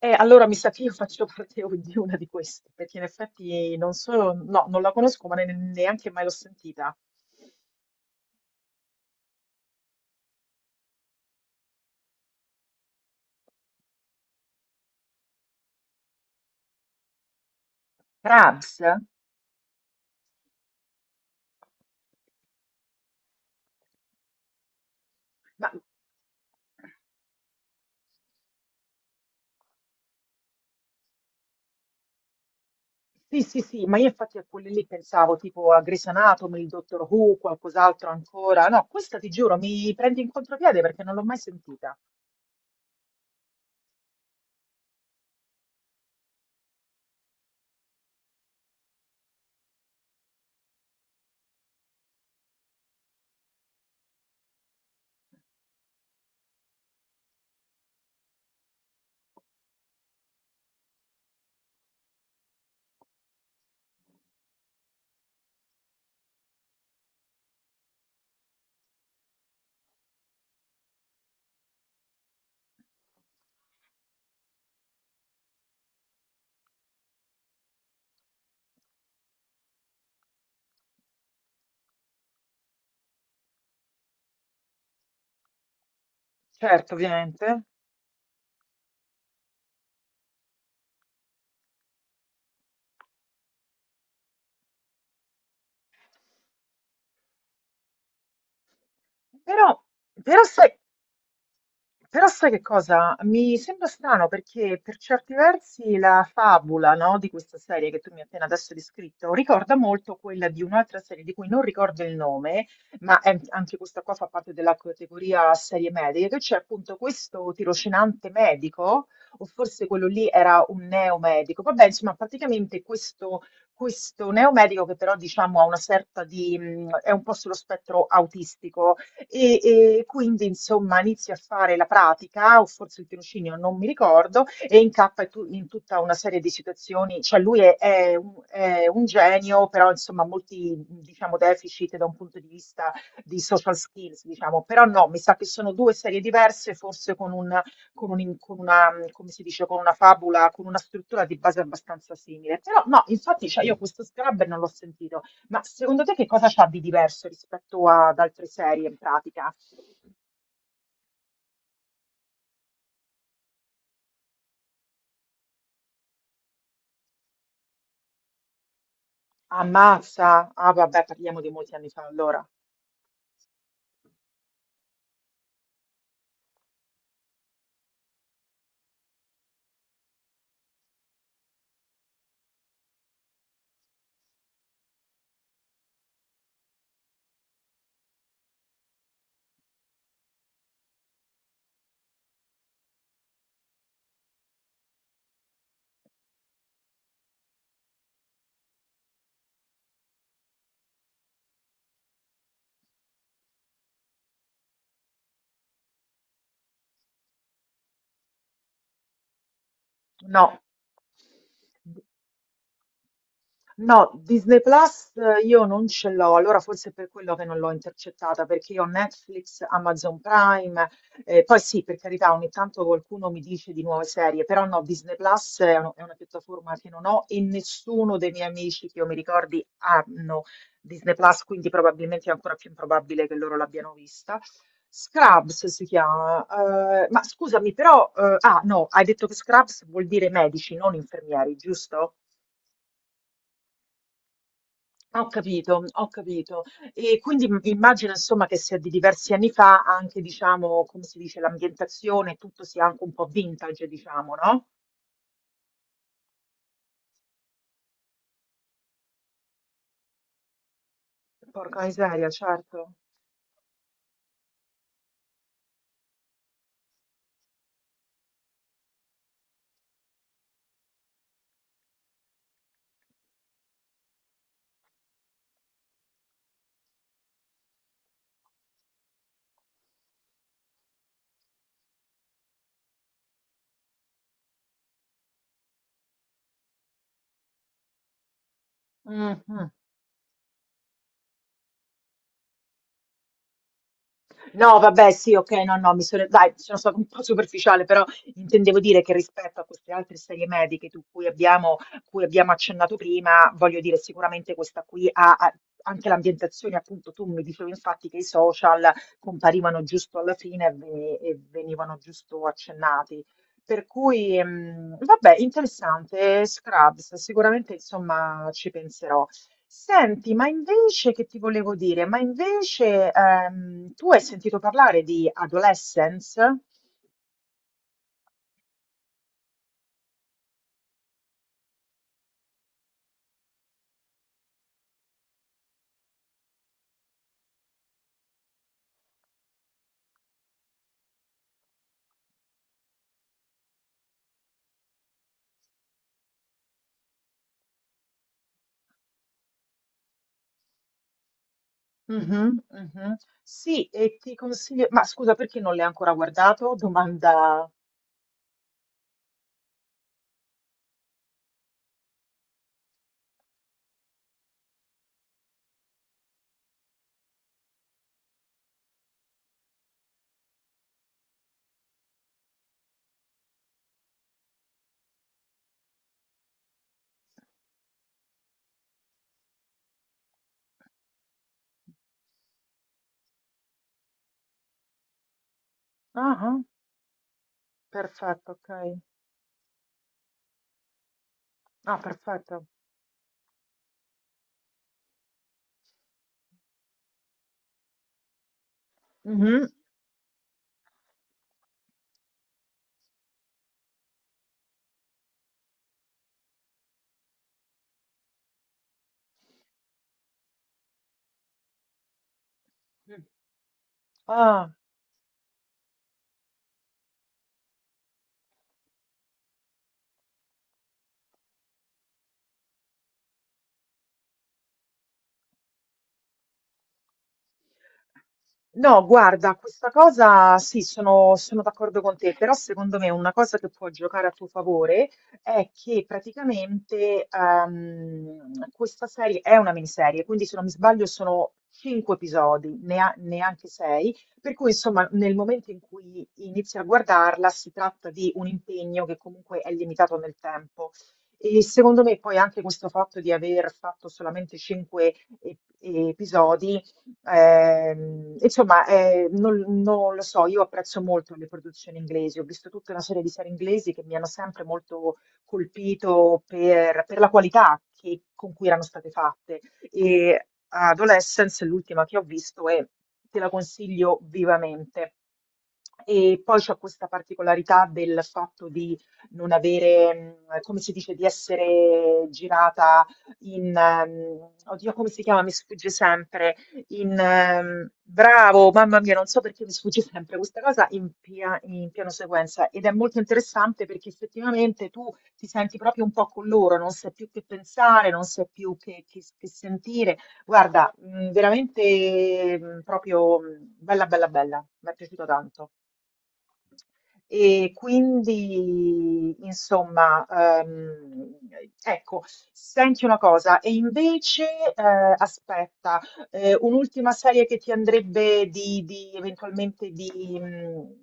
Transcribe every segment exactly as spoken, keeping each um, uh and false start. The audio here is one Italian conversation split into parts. Eh, allora mi sa che io faccio parte o- di una di queste, perché in effetti non so, no, non la conosco, ma ne- neanche mai l'ho sentita. Crabs? Ma sì, sì, sì, ma io infatti a quelle lì pensavo, tipo a Grey's Anatomy, il Dottor Who, qualcos'altro ancora. No, questa ti giuro, mi prendi in contropiede perché non l'ho mai sentita. Certo, ovviamente. Però, però sai. Però sai che cosa? Mi sembra strano perché per certi versi la fabula, no, di questa serie che tu mi hai appena adesso descritto ricorda molto quella di un'altra serie di cui non ricordo il nome, ma è- anche questa qua fa parte della categoria serie mediche, che c'è appunto questo tirocinante medico, o forse quello lì era un neomedico. Vabbè, insomma, praticamente questo, questo neomedico che però diciamo ha una certa di... mh, è un po' sullo spettro autistico e, e quindi insomma inizio a fare la pratica, o forse il tirocinio, non mi ricordo, e incappa in tu- in tutta una serie di situazioni, cioè lui è, è un, è un genio, però insomma ha molti diciamo deficit da un punto di vista di social skills, diciamo, però no, mi sa che sono due serie diverse, forse con un, con un- con una, come si dice, con una fabula, con una struttura di base abbastanza simile, però no, infatti cioè, io questo Scrubber non l'ho sentito, ma secondo te che cosa c'ha di diverso rispetto ad altre serie in pratica? Ammazza? Ah, vabbè, parliamo di molti anni fa allora. No. No, Disney Plus eh, io non ce l'ho, allora forse è per quello che non l'ho intercettata, perché io ho Netflix, Amazon Prime, eh, poi sì, per carità, ogni tanto qualcuno mi dice di nuove serie, però no, Disney Plus è, un- è una piattaforma che non ho e nessuno dei miei amici che io mi ricordi hanno Disney Plus, quindi probabilmente è ancora più improbabile che loro l'abbiano vista. Scrubs si chiama, eh, ma scusami, però, eh, ah no, hai detto che Scrubs vuol dire medici, non infermieri, giusto? Ho capito, ho capito. E quindi m- immagino insomma che sia di diversi anni fa anche, diciamo, come si dice, l'ambientazione, tutto sia anche un po' vintage, diciamo, no? Porca miseria, certo. Mhm. No, vabbè, sì, ok, no, no, mi sono, dai, sono stata un po' superficiale, però intendevo dire che rispetto a queste altre serie mediche tu- cui abbiamo, cui abbiamo accennato prima, voglio dire, sicuramente questa qui ha, ha- anche l'ambientazione, appunto, tu mi dicevi infatti che i social comparivano giusto alla fine e, ve- e venivano giusto accennati. Per cui, ehm, vabbè, interessante, Scrubs, sicuramente, insomma, ci penserò. Senti, ma invece che ti volevo dire? Ma invece ehm, tu hai sentito parlare di Adolescence? Mhm. Mhm. Sì, e ti consiglio... Ma scusa, perché non l'hai ancora guardato? Domanda... Ah, ah, perfetto, ok. Ah, perfetto. Mhm. Mm. Ah. No, guarda, questa cosa sì, sono, sono d'accordo con te, però secondo me una cosa che può giocare a tuo favore è che praticamente ehm, questa serie è una miniserie, quindi se non mi sbaglio sono cinque episodi, nea- neanche sei, per cui insomma nel momento in cui inizi a guardarla si tratta di un impegno che comunque è limitato nel tempo. E secondo me poi anche questo fatto di aver fatto solamente cinque e- episodi. Ehm, insomma, eh, non, non lo so, io apprezzo molto le produzioni inglesi, ho visto tutta una serie di serie inglesi che mi hanno sempre molto colpito per, per la qualità che- con cui erano state fatte. E Adolescence, l'ultima che ho visto, e te la consiglio vivamente. E poi c'è questa particolarità del fatto di non avere, mh, come si dice, di essere girata in, ehm, oddio, come si chiama? Mi sfugge sempre in ehm, bravo, mamma mia, non so perché mi sfugge sempre questa cosa in, pia- in piano sequenza ed è molto interessante perché effettivamente tu ti senti proprio un po' con loro, non sai più che pensare, non sai più che, che- che sentire. Guarda, mh, veramente mh, proprio mh, bella, bella, bella, mi è piaciuto tanto. E quindi, insomma, ehm, ecco, senti una cosa, e invece, eh, aspetta, eh, un'ultima serie che ti andrebbe di, di- eventualmente di, mh,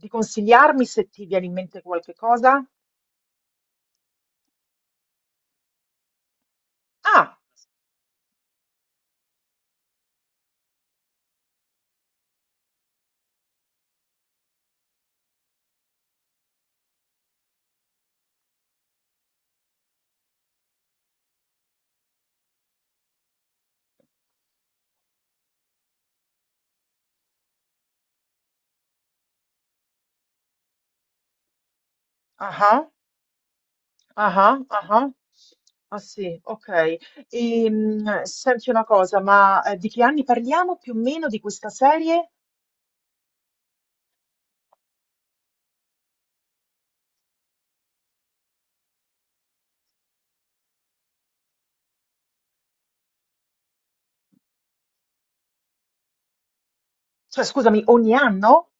di consigliarmi se ti viene in mente qualche cosa? Ah, ah, ah, ah, ah, sì, ok. Ehm, senti una cosa, ma eh, di che anni parliamo più o meno di questa serie? Cioè, scusami, ogni anno?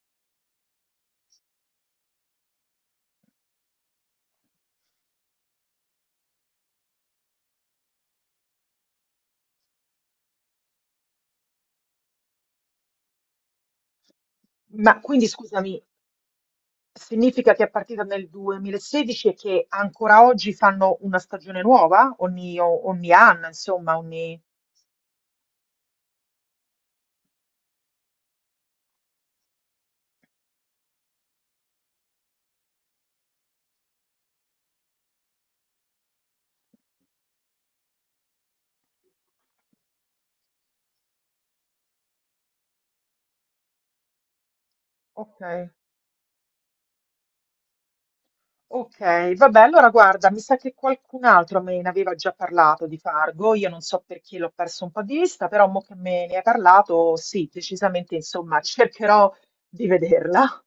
Ma quindi scusami, significa che è partita nel duemilasedici e che ancora oggi fanno una stagione nuova? Ogni, o- ogni anno, insomma, ogni... Ok, ok, vabbè, allora guarda, mi sa che qualcun altro me ne aveva già parlato di Fargo, io non so perché l'ho perso un po' di vista, però mo che me ne hai parlato, sì, decisamente, insomma, cercherò di vederla.